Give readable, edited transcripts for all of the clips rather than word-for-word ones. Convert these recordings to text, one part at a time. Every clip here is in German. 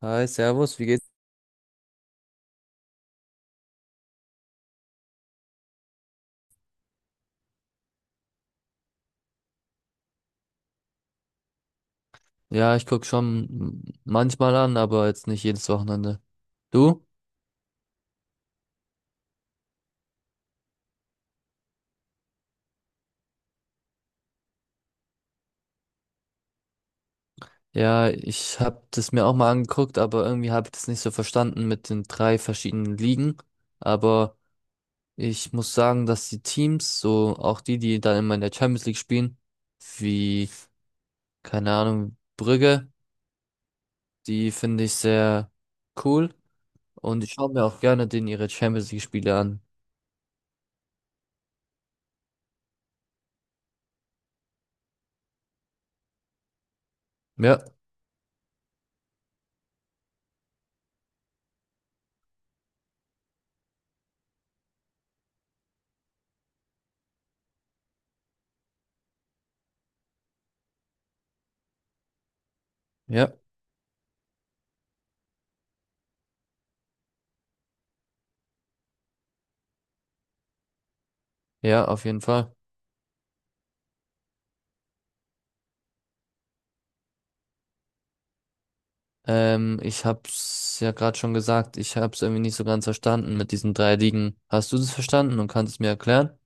Hi, Servus, wie geht's? Ja, ich guck schon manchmal an, aber jetzt nicht jedes Wochenende. Du? Ja, ich hab das mir auch mal angeguckt, aber irgendwie hab ich das nicht so verstanden mit den drei verschiedenen Ligen. Aber ich muss sagen, dass die Teams, so auch die, die dann immer in der Champions League spielen, wie, keine Ahnung, Brügge, die finde ich sehr cool. Und ich schaue mir auch gerne denen ihre Champions League-Spiele an. Ja, ja, ja, auf jeden Fall. Ich hab's ja gerade schon gesagt, ich hab's irgendwie nicht so ganz verstanden mit diesen drei Ligen. Hast du das verstanden und kannst es mir erklären?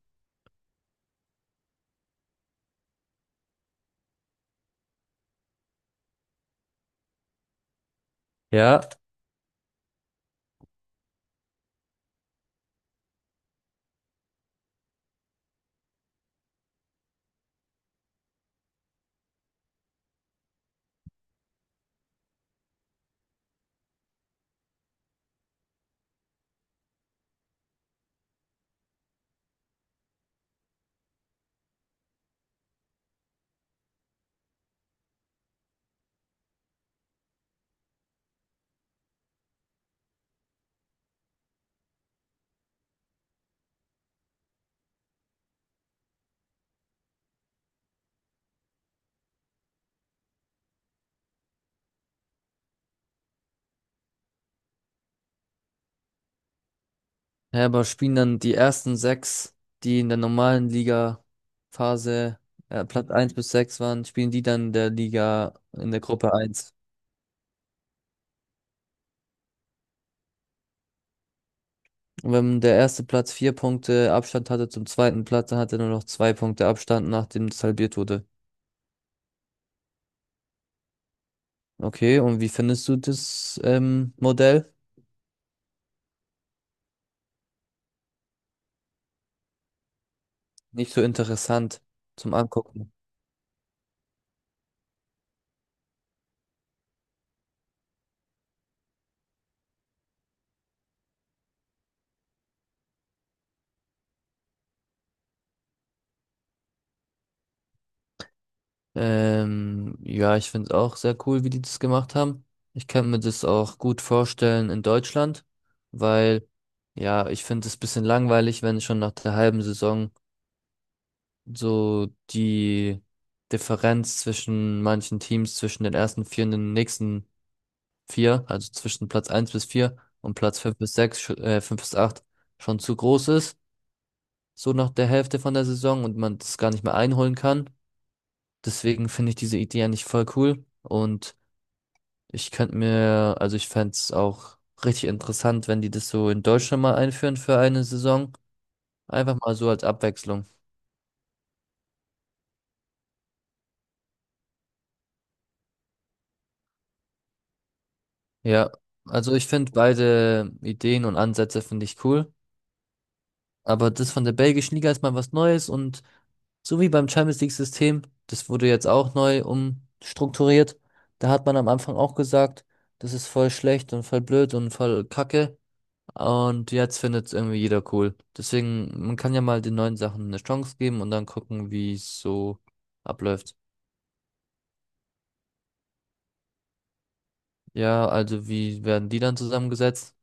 Ja, ja, aber spielen dann die ersten sechs, die in der normalen Liga-Phase Platz eins bis 6 waren, spielen die dann in der Liga in der Gruppe eins? Und wenn der erste Platz vier Punkte Abstand hatte zum zweiten Platz, dann hat er nur noch zwei Punkte Abstand, nachdem es halbiert wurde. Okay, und wie findest du das Modell? Nicht so interessant zum Angucken. Ja, ich finde es auch sehr cool, wie die das gemacht haben. Ich kann mir das auch gut vorstellen in Deutschland, weil ja, ich finde es ein bisschen langweilig, wenn schon nach der halben Saison so die Differenz zwischen manchen Teams, zwischen den ersten vier und den nächsten vier, also zwischen Platz eins bis vier und Platz fünf bis sechs, fünf bis acht schon zu groß ist, so nach der Hälfte von der Saison und man das gar nicht mehr einholen kann. Deswegen finde ich diese Idee eigentlich voll cool und ich könnte mir, also ich fänd's es auch richtig interessant, wenn die das so in Deutschland mal einführen für eine Saison. Einfach mal so als Abwechslung. Ja, also ich finde beide Ideen und Ansätze finde ich cool. Aber das von der belgischen Liga ist mal was Neues und so wie beim Champions League-System, das wurde jetzt auch neu umstrukturiert. Da hat man am Anfang auch gesagt, das ist voll schlecht und voll blöd und voll kacke. Und jetzt findet es irgendwie jeder cool. Deswegen, man kann ja mal den neuen Sachen eine Chance geben und dann gucken, wie es so abläuft. Ja, also wie werden die dann zusammengesetzt?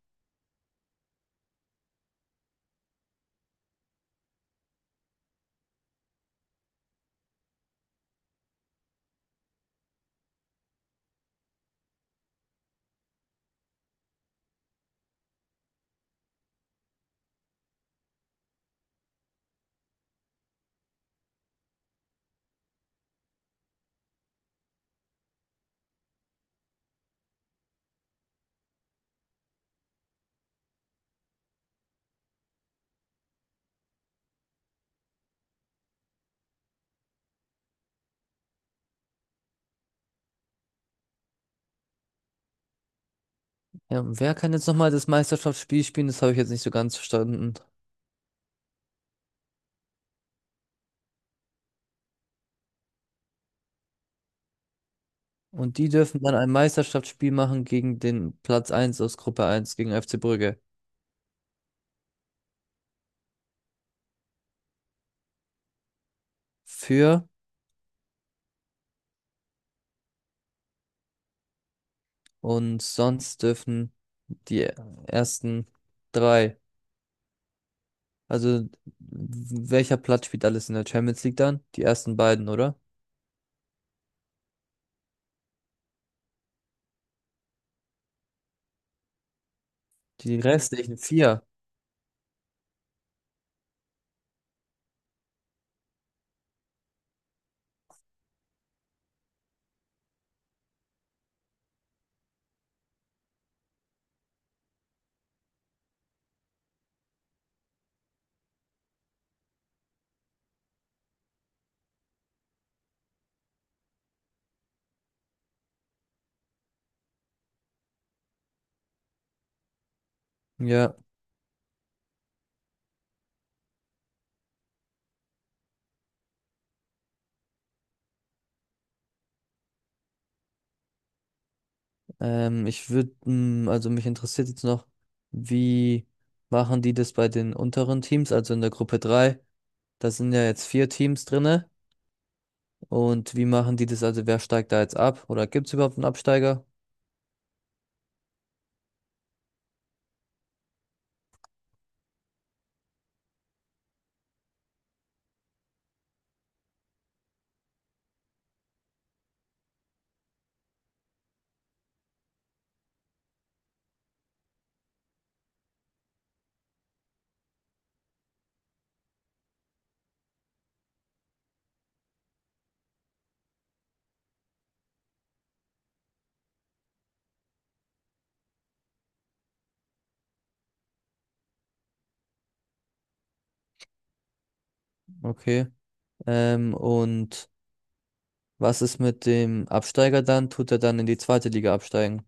Ja, und wer kann jetzt nochmal das Meisterschaftsspiel spielen? Das habe ich jetzt nicht so ganz verstanden. Und die dürfen dann ein Meisterschaftsspiel machen gegen den Platz eins aus Gruppe eins gegen FC Brügge. Für Und sonst dürfen die ersten drei. Also welcher Platz spielt alles in der Champions League dann? Die ersten beiden, oder? Die restlichen vier. Ja, ich würde, also mich interessiert jetzt noch, wie machen die das bei den unteren Teams, also in der Gruppe drei. Da sind ja jetzt vier Teams drinne. Und wie machen die das? Also wer steigt da jetzt ab? Oder gibt es überhaupt einen Absteiger? Okay. Und was ist mit dem Absteiger dann? Tut er dann in die zweite Liga absteigen?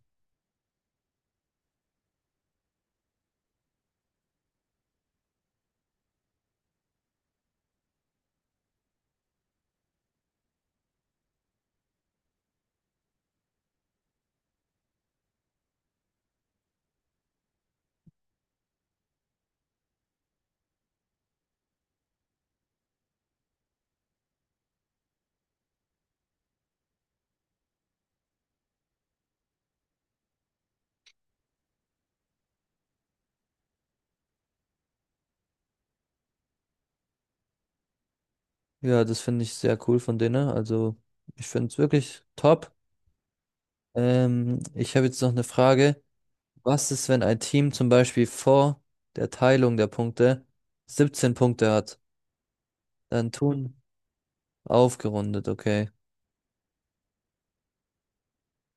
Ja, das finde ich sehr cool von denen. Also ich finde es wirklich top. Ich habe jetzt noch eine Frage. Was ist, wenn ein Team zum Beispiel vor der Teilung der Punkte 17 Punkte hat? Dann tun aufgerundet, okay.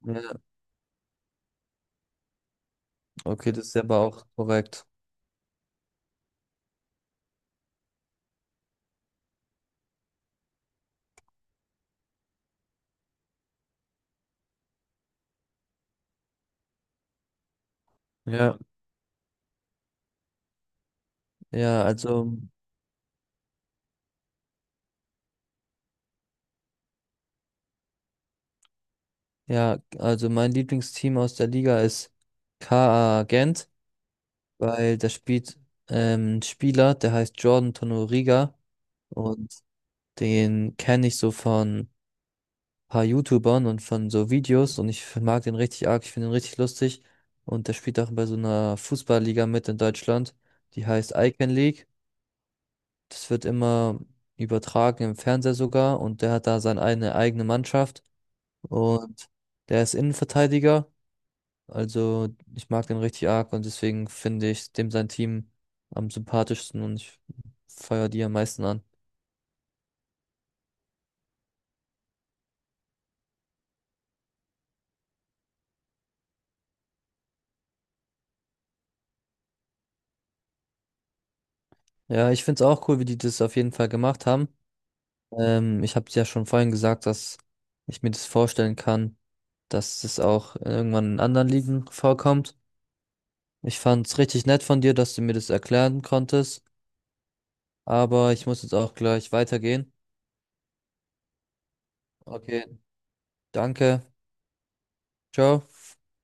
Ja, okay, das ist aber auch korrekt. Ja, ja, also, ja, also mein Lieblingsteam aus der Liga ist KA Gent, weil da spielt ein Spieler, der heißt Jordan Tonoriga und den kenne ich so von paar YouTubern und von so Videos und ich mag den richtig arg, ich finde ihn richtig lustig. Und der spielt auch bei so einer Fußballliga mit in Deutschland, die heißt Icon League. Das wird immer übertragen im Fernseher sogar und der hat da seine eine eigene Mannschaft und der ist Innenverteidiger. Also ich mag den richtig arg und deswegen finde ich dem sein Team am sympathischsten und ich feiere die am meisten an. Ja, ich finde es auch cool, wie die das auf jeden Fall gemacht haben. Ich habe ja schon vorhin gesagt, dass ich mir das vorstellen kann, dass das auch irgendwann in anderen Ligen vorkommt. Ich fand es richtig nett von dir, dass du mir das erklären konntest, aber ich muss jetzt auch gleich weitergehen. Okay, danke. Ciao.